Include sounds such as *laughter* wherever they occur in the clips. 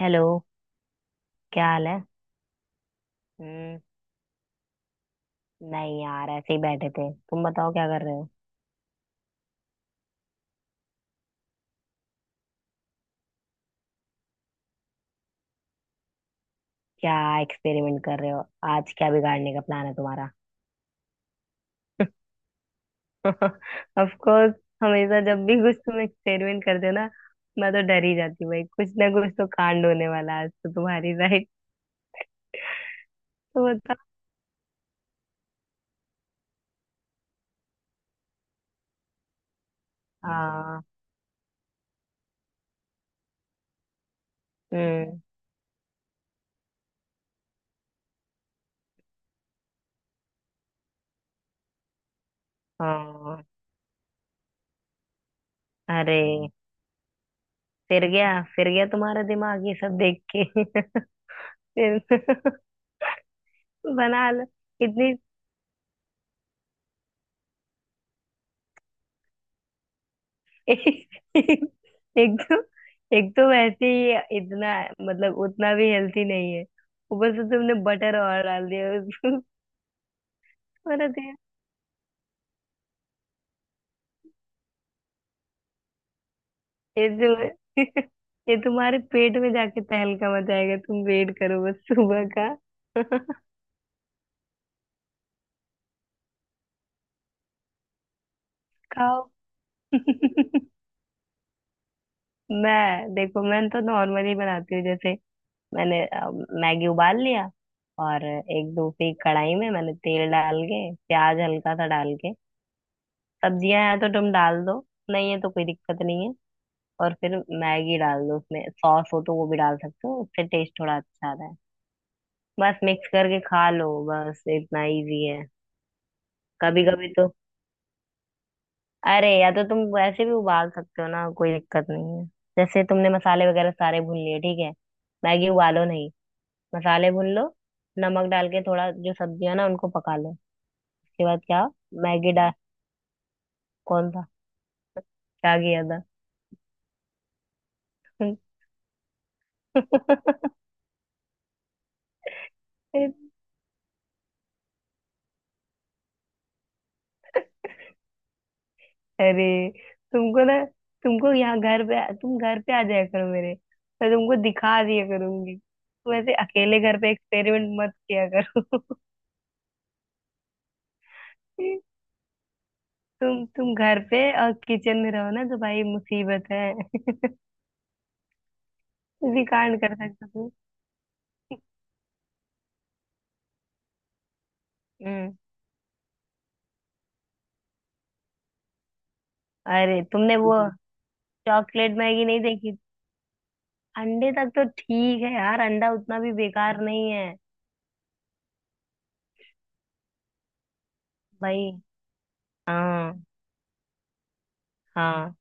Hello. क्या हाल है। हम्म। नहीं यार ऐसे ही बैठे थे तुम बताओ क्या कर रहे हो। क्या एक्सपेरिमेंट कर रहे हो। आज क्या बिगाड़ने का प्लान है तुम्हारा। *laughs* Of course. हमेशा जब भी कुछ तुम एक्सपेरिमेंट करते हो ना मैं तो डर ही जाती हूँ भाई कुछ ना कुछ तो कांड होने वाला है आज तो तुम्हारी *laughs* राइट। तो बताओ। हाँ। हम्म। हाँ। अरे फिर गया तुम्हारा दिमाग ये सब देख के। *laughs* फिर *laughs* बना लो। इतनी एक एक तो एक तो वैसे ही इतना मतलब उतना भी हेल्थी नहीं है। ऊपर से तुमने बटर और डाल दिया उसको। बड़ा दिया। ये जो ये तुम्हारे पेट में जाके तहलका मचाएगा तुम वेट करो बस सुबह का। *laughs* खाओ। *laughs* मैं देखो मैं तो नॉर्मली बनाती हूँ जैसे मैंने मैगी उबाल लिया। और एक दूसरी कढ़ाई में मैंने तेल डाल के प्याज हल्का सा डाल के सब्जियां हैं तो तुम डाल दो। नहीं है तो कोई दिक्कत नहीं है। और फिर मैगी डाल दो उसमें सॉस हो तो वो भी डाल सकते हो उससे टेस्ट थोड़ा अच्छा आता है। बस मिक्स करके खा लो बस इतना इजी है। कभी कभी तो अरे या तो तुम वैसे भी उबाल सकते हो ना कोई दिक्कत नहीं है। जैसे तुमने मसाले वगैरह सारे भून लिए ठीक है। मैगी उबालो नहीं। मसाले भून लो। नमक डाल के थोड़ा जो सब्जियां ना उनको पका लो। उसके बाद क्या मैगी डाल कौन सा क्या किया था। *laughs* *laughs* अरे तुमको ना तुम घर पे आ जाया करो मेरे। मैं तुमको दिखा दिया करूंगी तुम ऐसे अकेले घर पे एक्सपेरिमेंट मत किया करो। *laughs* तुम घर पे और किचन में रहो ना तो भाई मुसीबत है। *laughs* किसी कांड कर सकते हो। तुम हम्म। अरे तुमने वो चॉकलेट मैगी नहीं देखी। अंडे तक तो ठीक है यार अंडा उतना भी बेकार नहीं है। भाई। हाँ। हाँ।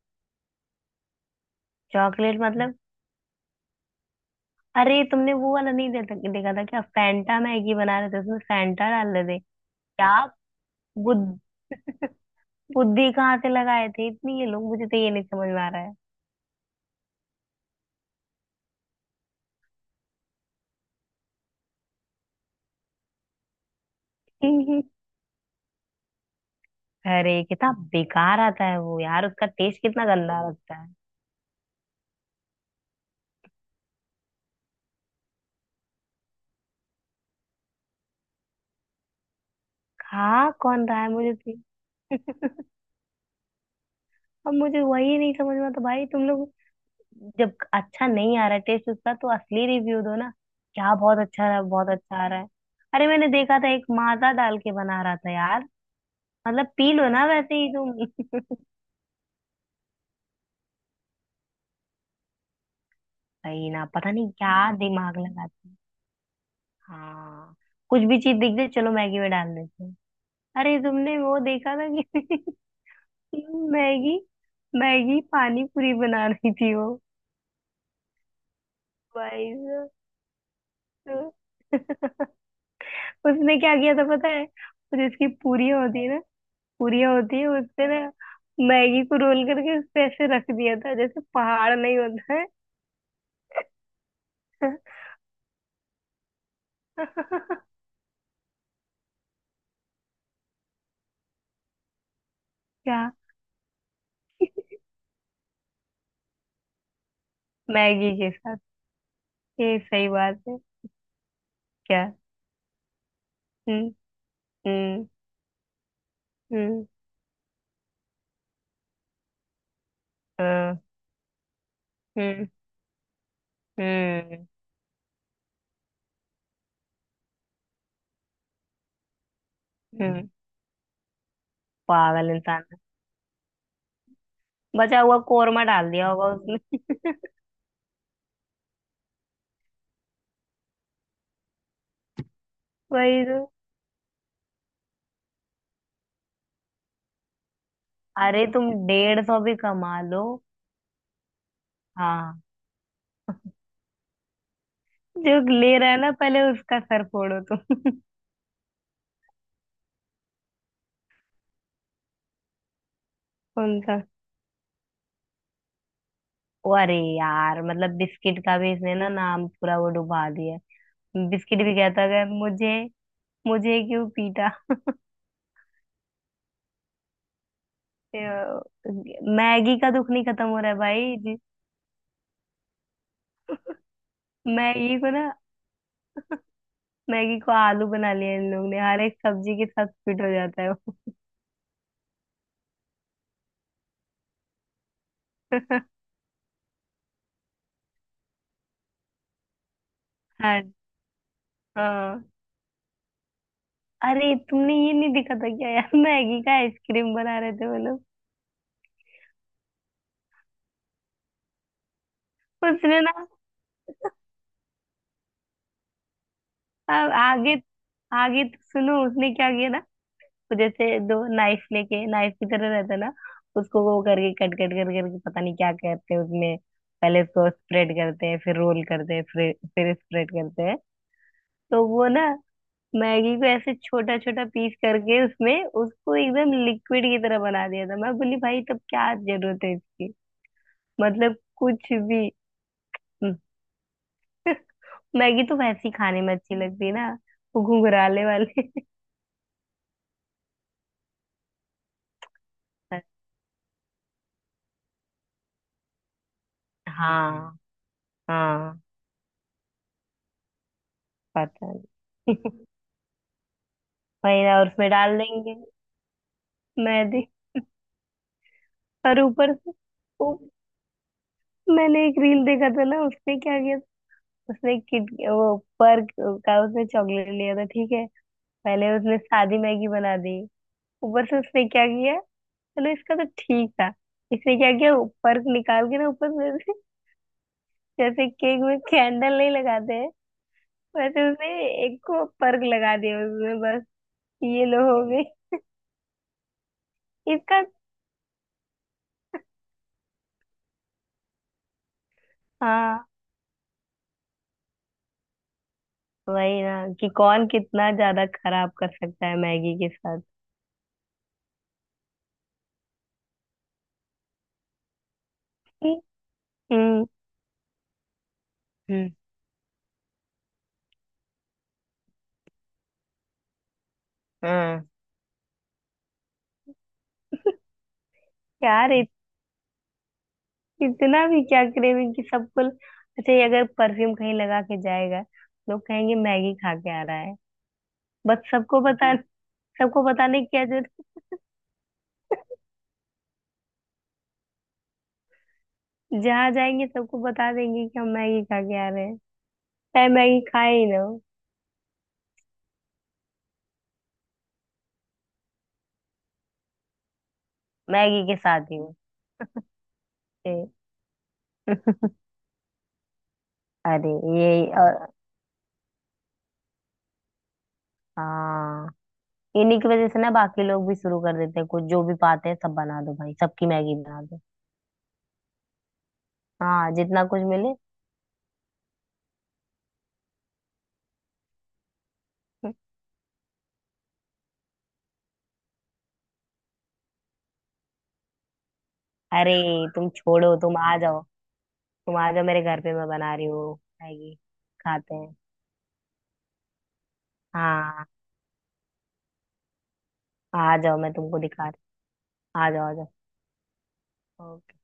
चॉकलेट मतलब अरे तुमने वो वाला नहीं देखा था क्या फैंटा मैगी बना रहे थे उसमें फैंटा डाल रहे थे। क्या। बुद, बुद्धि कहाँ से लगाए थे इतनी ये लोग मुझे तो ये नहीं समझ में आ रहा है। *laughs* अरे कितना बेकार आता है वो यार उसका टेस्ट कितना गंदा लगता है। खा कौन रहा है मुझे तो। *laughs* अब मुझे वही नहीं समझ में आता भाई तुम लोग जब अच्छा नहीं आ रहा है टेस्ट उसका तो असली रिव्यू दो ना। क्या बहुत अच्छा रहा बहुत अच्छा आ रहा है। अरे मैंने देखा था एक माजा डाल के बना रहा था यार। मतलब पी लो ना वैसे ही तुम। *laughs* सही ना पता नहीं क्या दिमाग लगाते। हाँ। कुछ भी चीज दिख जाए चलो मैगी में डाल देते हैं। अरे तुमने वो देखा था कि *laughs* मैगी मैगी पानी पूरी बना रही थी वो। भाई साहब। *laughs* उसने क्या किया था पता है वो जिसकी पूरियां होती है ना पूरियां होती है उसपे ना मैगी को रोल करके उस पे ऐसे रख दिया था जैसे पहाड़ नहीं होता है। *laughs* क्या मैगी के साथ ये सही बात है। क्या। हम्म। हम्म। हम्म। हम्म। हम्म। हम्म। हम्म, हम्म। पागल इंसान है। बचा हुआ कोरमा डाल दिया होगा उसने। वही तो। अरे तुम 150 भी कमा लो। हाँ। जो ले रहा है ना पहले उसका सर फोड़ो तुम। *laughs* उनका ओ अरे यार मतलब बिस्किट का भी इसने ना नाम पूरा वो डुबा दिया। बिस्किट भी कहता है मुझे मुझे क्यों पीटा। अ, मैगी का दुख नहीं खत्म हो रहा है भाई जी। मैगी को ना मैगी को आलू बना लिया इन लोग ने हर एक सब्जी के साथ फिट हो जाता है। *laughs* हाँ जी। हाँ। अरे तुमने ये नहीं देखा था क्या यार *laughs* मैगी का आइसक्रीम बना रहे थे वो लोग। उसने ना आ- आगे आगे तो सुनो उसने क्या किया ना। वो जैसे दो नाइफ लेके नाइफ की तरह रहता है ना। उसको वो करके कट कट कर करके पता नहीं क्या करते हैं उसमें। पहले उसको स्प्रेड करते हैं फिर रोल करते हैं फिर स्प्रेड करते हैं। तो वो ना मैगी को ऐसे छोटा छोटा पीस करके उसमें उसको एकदम लिक्विड की तरह बना दिया था मैं बोली भाई तब क्या जरूरत है इसकी। मतलब कुछ भी हम्म, मैगी तो वैसे ही खाने में अच्छी लगती है ना। वो घुंघराले वाले *laughs* हाँ हाँ। पता नहीं *laughs* वही ना और उसमें डाल देंगे मैदे और ऊपर से वो मैंने एक रील देखा था ना उसने क्या किया। उसने किट वो पर्क का उसने चॉकलेट लिया था ठीक है। पहले उसने सादी मैगी बना दी। ऊपर से उसने क्या किया। चलो इसका तो ठीक था। इसने क्या किया। पर्क निकाल के ना ऊपर से जैसे केक में कैंडल नहीं लगाते हैं। बस उसने एक को पर्क लगा दिया उसमें बस कि ये लो हो गई। इसका हाँ वही ना कि कौन कितना ज्यादा खराब कर सकता है मैगी के साथ। हम्म। हम्म। हाँ। यार इतना भी क्या क्रेविंग कि सबको अच्छा ये अगर परफ्यूम कहीं लगा के जाएगा लोग कहेंगे मैगी खा के आ रहा है। बट सबको बता सबको बताने की क्या जरूरत। जहाँ जाएंगे सबको बता देंगे कि हम मैगी खा के आ रहे हैं। चाहे मैगी खाए ही ना हो। मैगी के साथ ही हो। ए, अरे ये और हाँ इन्हीं की वजह से ना बाकी लोग भी शुरू कर देते हैं कुछ जो भी पाते हैं सब बना दो भाई सबकी मैगी बना दो। हाँ जितना कुछ मिले। अरे तुम छोड़ो तुम आ जाओ मेरे घर पे मैं बना रही हूँ। मैगी खाते हैं। हाँ आ जाओ मैं तुमको दिखा रही हूँ, आ जाओ आ जाओ। ओके।